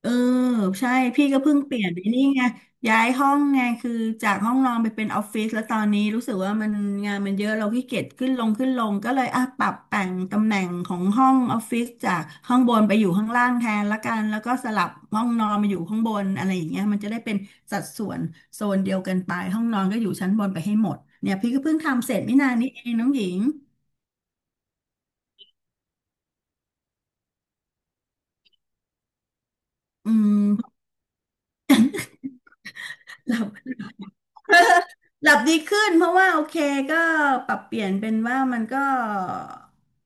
เออใช่พี่ก็เพิ่งเปลี่ยนไปนี่ไงย้ายห้องไงคือจากห้องนอนไปเป็นออฟฟิศแล้วตอนนี้รู้สึกว่ามันงานมันเยอะเราขี้เกียจขึ้นลงขึ้นลงก็เลยปรับแต่งตำแหน่งของห้องออฟฟิศจากข้างบนไปอยู่ข้างล่างแทนละกันแล้วก็สลับห้องนอนมาอยู่ข้างบนอะไรอย่างเงี้ยมันจะได้เป็นสัดส่วนโซนเดียวกันไปห้องนอนก็อยู่ชั้นบนไปให้หมดเนี่ยพี่ก็เพิ่งทำเสร็จไม่นานนี้เองน้องหญิงอืม หลับ หลับดีขึ้นเพราะว่าโอเคก็ปรับเปลี่ยนเป็นว่ามันก็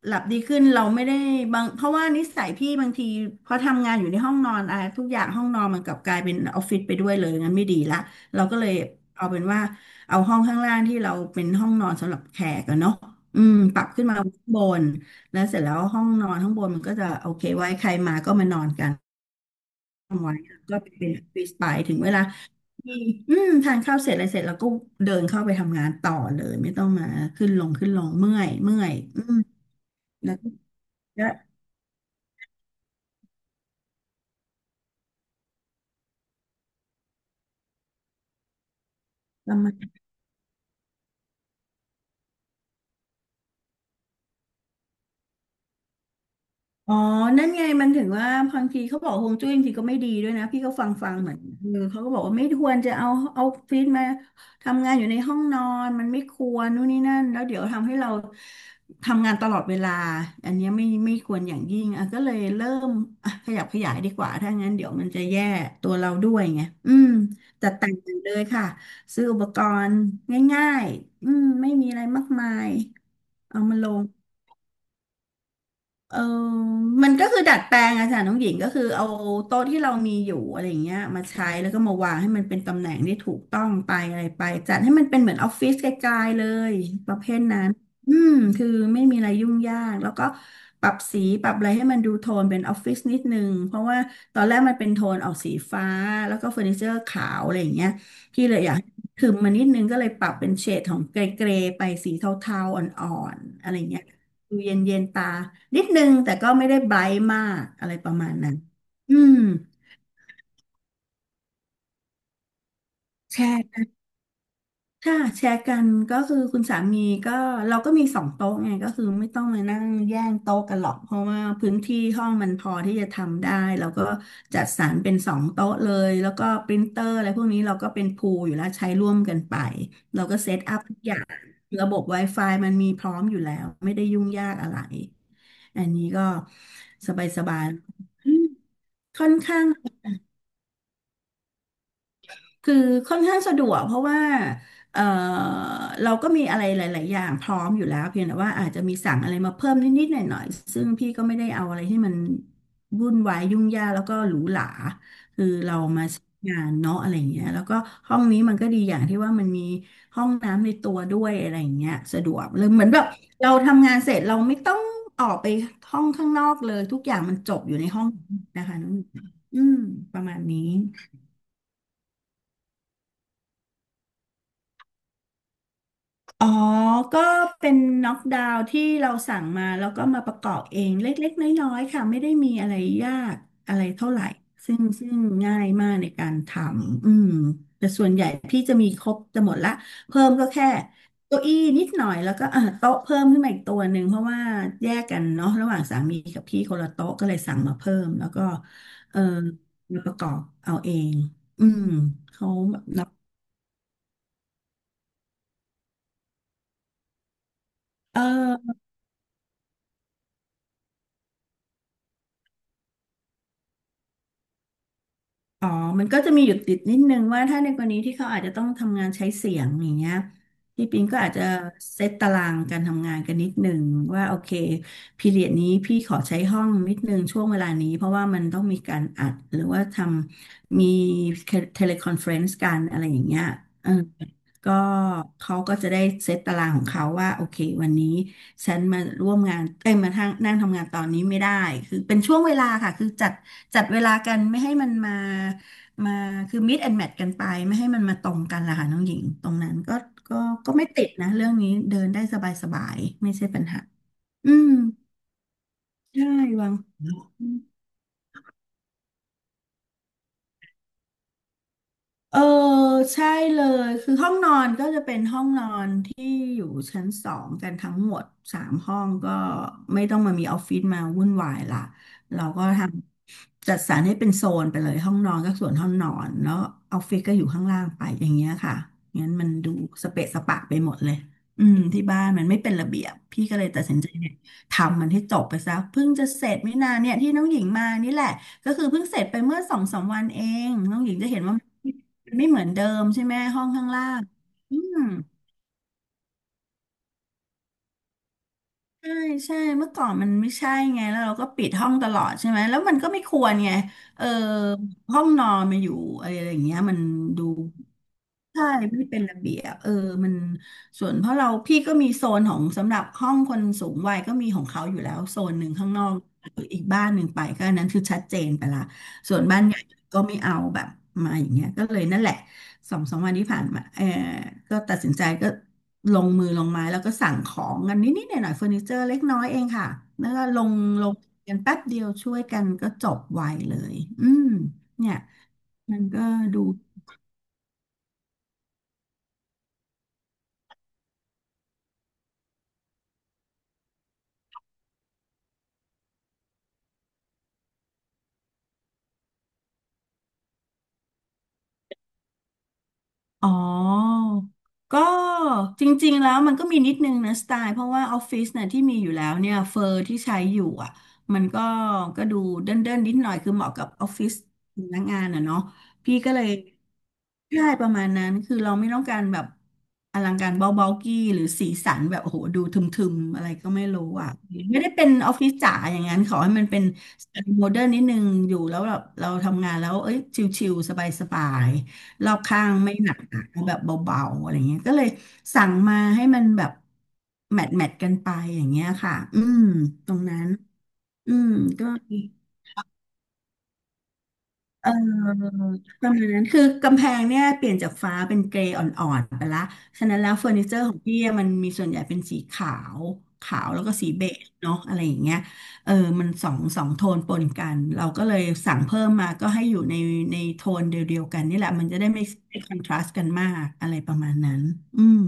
หลับดีขึ้นเราไม่ได้บางเพราะว่านิสัยพี่บางทีพอทำงานอยู่ในห้องนอนอะไรทุกอย่างห้องนอนมันกลับกลายเป็นออฟฟิศไปด้วยเลยงั้นไม่ดีละเราก็เลยเอาเป็นว่าเอาห้องข้างล่างที่เราเป็นห้องนอนสำหรับแขกกันเนาะอืมปรับขึ้นมาข้างบนแล้วเสร็จแล้วห้องนอนข้างบนมันก็จะโอเคไว้ใครมาก็มานอนกันไว้ก็เป็นออฟฟิศไปถึงเวลา มีอืมทานข้าวเสร็จอะไรเสร็จแล้วก็เดินเข้าไปทำงานต่อเลยไม่ต้องมาขึ้นลงขึ้นลงเมื่อยอืมแล้วก็ อ๋อนั่นไงมันถึงว่าบางทีเขาบอกฮวงจุ้ยบางทีก็ไม่ดีด้วยนะพี่ก็ฟังเหมือนเออเขาก็บอกว่าไม่ควรจะเอาฟิตมาทำงานอยู่ในห้องนอนมันไม่ควรนู่นนี่นั่นแล้วเดี๋ยวทำให้เราทำงานตลอดเวลาอันเนี้ยไม่ควรอย่างยิ่งก็เลยเริ่มขยับขยายดีกว่าถ้างั้นเดี๋ยวมันจะแย่ตัวเราด้วยไงอืมจัดแต่งเลยค่ะซื้ออุปกรณ์ง่ายๆอืมไม่มีอะไรมากมายเอามาลง เออมันก็คือดัดแปลงอะค่ะน้องหญิงก็คือเอาโต๊ะที่เรามีอยู่อะไรอย่างเงี้ยมาใช้แล้วก็มาวางให้มันเป็นตำแหน่งที่ถูกต้องไปอะไรไปจัดให้มันเป็นเหมือนออฟฟิศไกลๆเลยประเภทนั้นอืมคือไม่มีอะไรยุ่งยากแล้วก็ปรับสีปรับอะไรให้มันดูโทนเป็นออฟฟิศนิดนึงเพราะว่าตอนแรกมันเป็นโทนออกสีฟ้าแล้วก็เฟอร์นิเจอร์ขาวอะไรอย่างเงี้ยพี่เลยอยากถึมมานิดนึงก็เลยปรับเป็นเฉดของเกรย์ๆไปสีเทาๆอ่อนๆอะไรอย่างเงี้ย ดูเย็นเย็นตานิดนึงแต่ก็ไม่ได้ไบรท์มากอะไรประมาณนั้นอืมแชร์กันค่ะแชร์กันก็คือคุณสามีก็เราก็มีสองโต๊ะไงก็คือไม่ต้องมานั่งแย่งโต๊ะกันหรอกเพราะว่าพื้นที่ห้องมันพอที่จะทำได้เราก็จัดสรรเป็นสองโต๊ะเลยแล้วก็ปรินเตอร์อะไรพวกนี้เราก็เป็นพูลอยู่แล้วใช้ร่วมกันไปเราก็เซตอัพทุกอย่างระบบ Wi-Fi มันมีพร้อมอยู่แล้วไม่ได้ยุ่งยากอะไรอันนี้ก็สบายๆ ค่อนข้างคือค่อนข้างสะดวกเพราะว่าเออเราก็มีอะไรหลายๆอย่างพร้อมอยู่แล้วเพียงแต่ว่าอาจจะมีสั่งอะไรมาเพิ่มนิดๆหน่อยๆซึ่งพี่ก็ไม่ได้เอาอะไรที่มันวุ่นวายยุ่งยากแล้วก็หรูหราคือเรามาใช้งานเนาะอะไรอย่างเงี้ยแล้วก็ห้องนี้มันก็ดีอย่างที่ว่ามันมีห้องน้ำในตัวด้วยอะไรอย่างเงี้ยสะดวกเลยเหมือนแบบเราทำงานเสร็จเราไม่ต้องออกไปห้องข้างนอกเลยทุกอย่างมันจบอยู่ในห้องนะคะน้องหญิงอืมประมาณนี้ อ๋อ ก็เป็นน็อกดาวน์ที่เราสั่งมาแล้วก็มาประกอบเองเล็กๆน้อยๆค่ะไม่ได้มีอะไรยากอะไรเท่าไหร่ซึ่งง่ายมากในการทำอืมแต่ส่วนใหญ่พี่จะมีครบจะหมดละเพิ่มก็แค่เก้าอี้นิดหน่อยแล้วก็เออโต๊ะเพิ่มขึ้นมาอีกตัวหนึ่งเพราะว่าแยกกันเนาะระหว่างสามีกับพี่คนละโต๊ะก็เลยสั่งมาเพิ่มแล้วก็เออมาประกอบเอาเองอืมเขาแบบนับเออ อ๋อมันก็จะมีหยุดติดนิดนึงว่าถ้าในกรณีที่เขาอาจจะต้องทำงานใช้เสียงอย่างเงี้ยพี่ปิงก็อาจจะเซตตารางการทำงานกันนิดนึงว่าโอเคพีเรียดนี้พี่ขอใช้ห้องนิดนึงช่วงเวลานี้เพราะว่ามันต้องมีการอัดหรือว่าทำมีเทเลคอนเฟรนซ์กันอะไรอย่างเงี้ยเออก็เขาก็จะได้เซตตารางของเขาว่าโอเควันนี้ ฉันมาร่วมงานเอ้ยมาทางนั่งทำงานตอนนี้ไม่ได้คือเป็นช่วงเวลาค่ะคือจัดจัดเวลากันไม่ให้มันมามาคือ meet and match กันไปไม่ให้มันมาตรงกันล่ะค่ะน้องหญิงตรงนั้นก็ก็ไม่ติดนะเรื่องนี้เดินได้สบายๆไม่ใช่ปัญหาอืมใช่วัง เออใช่เลยคือห้องนอนก็จะเป็นห้องนอนที่อยู่ชั้นสองกันทั้งหมดสามห้องก็ไม่ต้องมามีออฟฟิศมาวุ่นวายละเราก็ทำจัดสรรให้เป็นโซนไปเลยห้องนอนก็ส่วนห้องนอนแล้วออฟฟิศก็อยู่ข้างล่างไปอย่างเงี้ยค่ะงั้นมันดูสเปะสปะไปหมดเลยอืมที่บ้านมันไม่เป็นระเบียบพี่ก็เลยตัดสินใจเนี่ยทำมันให้จบไปซะเพิ่งจะเสร็จไม่นานเนี่ยที่น้องหญิงมานี่แหละก็คือเพิ่งเสร็จไปเมื่อสองสามวันเองน้องหญิงจะเห็นว่า ไม่เหมือนเดิมใช่ไหมห้องข้างล่าง อืมใช่ใช่เมื่อก่อนมันไม่ใช่ไงแล้วเราก็ปิดห้องตลอดใช่ไหมแล้วมันก็ไม่ควรไงเออห้องนอนมาอยู่อะไรอย่างเงี้ยมันดู ใช่ไม่เป็นระเบียบเออมันส่วนเพราะเราพี่ก็มีโซนของสำหรับห้องคนสูงวัยก็มีของเขาอยู่แล้วโซนหนึ่งข้างนอกอีกบ้านหนึ่งไปก็อันนั้นคือชัดเจนไปละส่วนบ้านใหญ่ก็ไม่เอาแบบมาอย่างเงี้ยก็เลยนั่นแหละสองสามวันที่ผ่านมาเออก็ตัดสินใจก็ลงมือลงไม้แล้วก็สั่งของกันนิดๆหน่อยๆเฟอร์นิเจอร์เล็กน้อยเองค่ะแล้วก็ลงลงกันแป๊บเดียวช่วยกันก็จบไวเลยอืมเนี่ยมันก็ดู อ๋อก็จริงๆแล้วมันก็มีนิดนึงนะสไตล์เพราะว่าออฟฟิศเนี่ยที่มีอยู่แล้วเนี่ยเฟอร์ที่ใช้อยู่อ่ะมันก็ดูเด้นเดนนิดหน่อยคือเหมาะกับออฟฟิศพนักงานอ่ะเนาะพี่ก็เลยใช่ประมาณนั้นคือเราไม่ต้องการแบบอลังการเบาๆกี้หรือสีสันแบบโอ้โหดูทึมๆอะไรก็ไม่รู้อ่ะไม่ได้เป็นออฟฟิศจ๋าอย่างนั้นขอให้มันเป็นสไตล์โมเดิร์นนิดนึงอยู่แล้วแบบเราทำงานแล้วเอ้ยชิลๆสบาย รอบข้างไม่หนักหนาแบบเบาๆอะไรเงี้ยก็เลยสั่งมาให้มันแบบแมทกันไปอย่างเงี้ยค่ะอืมตรงนั้นอืมก็ เออประมาณนั้นคือกำแพงเนี่ยเปลี่ยนจากฟ้าเป็นเกรย์อ่อนๆไปละ ฉะนั้นแล้วเฟอร์นิเจอร์ของพี่อะมันมีส่วนใหญ่เป็นสีขาวแล้วก็สีเบจเนาะอะไรอย่างเงี้ยเออมันสองโทนปนกันเราก็เลยสั่งเพิ่มมาก็ให้อยู่ในโทนเดียวๆกันนี่แหละมันจะได้ไม่คอนทราสต์กันมากอะไรประมาณนั้นอืม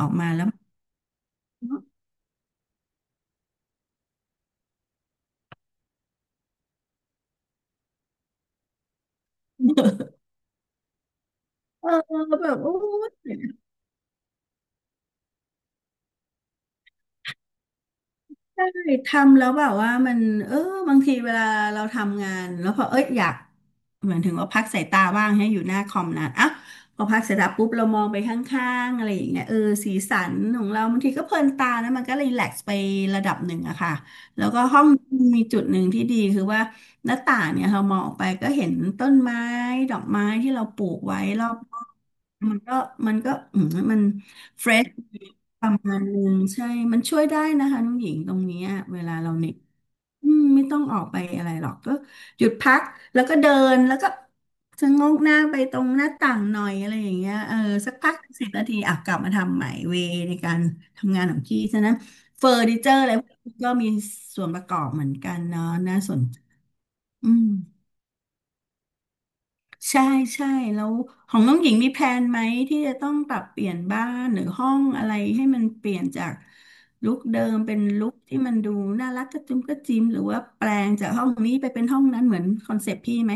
ออกมาแล้วเออแบบโอ้ย ใช่ทำแล้วแบบว่ามันเออบางทีเวลาเราทำงานแล้วพอเอ้ยอยากเหมือนถึงว่าพักสายตาบ้างให้อยู่หน้าคอมนานอ่ะพอพักสายตาปุ๊บเรามองไปข้างๆอะไรอย่างเงี้ยเออสีสันของเราบางทีก็เพลินตานะมันก็รีแลกซ์ไประดับหนึ่งอะค่ะแล้วก็ห้องมีจุดหนึ่งที่ดีคือว่าหน้าต่างเนี่ยเรามองออกไปก็เห็นต้นไม้ดอกไม้ที่เราปลูกไว้รอบๆมันก็มันก็อืมมันเฟรช ประมาณหนึ่งใช่มันช่วยได้นะคะน้องหญิงตรงเนี้ยเวลาเราเหน็ดอืมไม่ต้องออกไปอะไรหรอกก็หยุดพักแล้วก็เดินแล้วก็ชะโงกหน้าไปตรงหน้าต่างหน่อยอะไรอย่างเงี้ยเออสักพัก10 นาทีอ่ะกลับมาทำใหม่เวในการทำงานของพี่ฉะนั้นเฟอร์นิเจอร์อะไรพวกนี้ก็มีส่วนประกอบเหมือนกันเนาะน่าสนใจอืม ใช่ใช่แล้วของน้องหญิงมีแพลนไหมที่จะต้องปรับเปลี่ยนบ้านหรือห้องอะไรให้มันเปลี่ยนจากลุคเดิมเป็นลุคที่มันดูน่ารักกระจุมกระจิมหรือว่าแปลงจากห้องนี้ไปเป็นห้องนั้นเหมือนคอนเซปต์พี่ไหม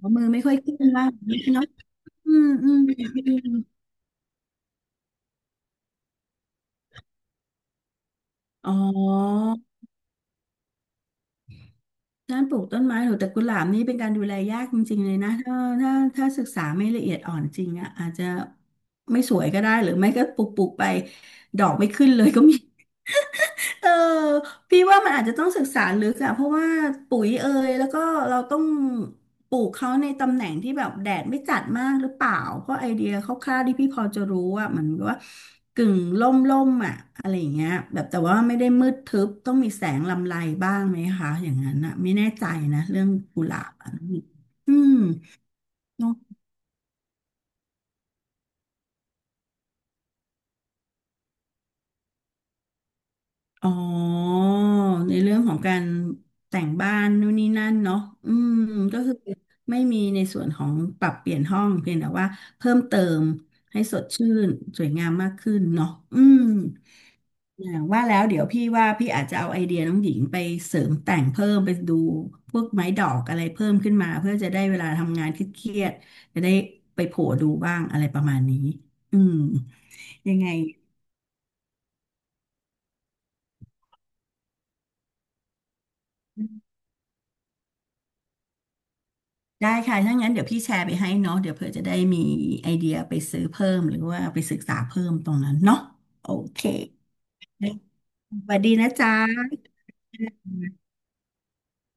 อ๋อมือไม่ค่อยขึ้นว่าเนาะอืมอืมอ๋อด้านปลูกต้นไม้หรือแต่กุหลาบนี่เป็นการดูแลยากจริงๆเลยนะถ้าถ้าศึกษาไม่ละเอียดอ่อนจริงอ่ะอาจจะไม่สวยก็ได้หรือไม่ก็ปลูกไปดอกไม่ขึ้นเลยก็มี เออพี่ว่ามันอาจจะต้องศึกษาลึกอะเพราะว่าปุ๋ยเอยแล้วก็เราต้องปลูกเขาในตำแหน่งที่แบบแดดไม่จัดมากหรือเปล่าเพราะไอเดียคร่าวๆที่พี่พอจะรู้อะมันก็ว่ากึ่งร่มร่มอะอะไรอย่างเงี้ยแบบแต่ว่าไม่ได้มืดทึบต้องมีแสงลำไรบ้างไหมคะอย่างนั้นอะไม่แน่ใจนะเรื่องกุหลาบอะอืม อ๋อในเรื่องของการแต่งบ้านนู่นนี่นั่นเนาะอืมก็คือไม่มีในส่วนของปรับเปลี่ยนห้องเพียงแต่ว่าเพิ่มเติมให้สดชื่นสวยงามมากขึ้นเนาะอืมอย่างว่าแล้วเดี๋ยวพี่ว่าพี่อาจจะเอาไอเดียน้องหญิงไปเสริมแต่งเพิ่มไปดูพวกไม้ดอกอะไรเพิ่มขึ้นมาเพื่อจะได้เวลาทำงานเครียดๆจะได้ไปโผล่ดูบ้างอะไรประมาณนี้อืมยังไง ได้ค่ะถ้างั้นเดี๋ยวพี่แชร์ไปให้เนาะเดี๋ยวเผื่อจะได้มีไอเดียไปซื้อเพิ่มหรือว่าไปศึกษาเพิ่มตรงนั้นเนาะโอเคสวัสดีนะจ๊ะ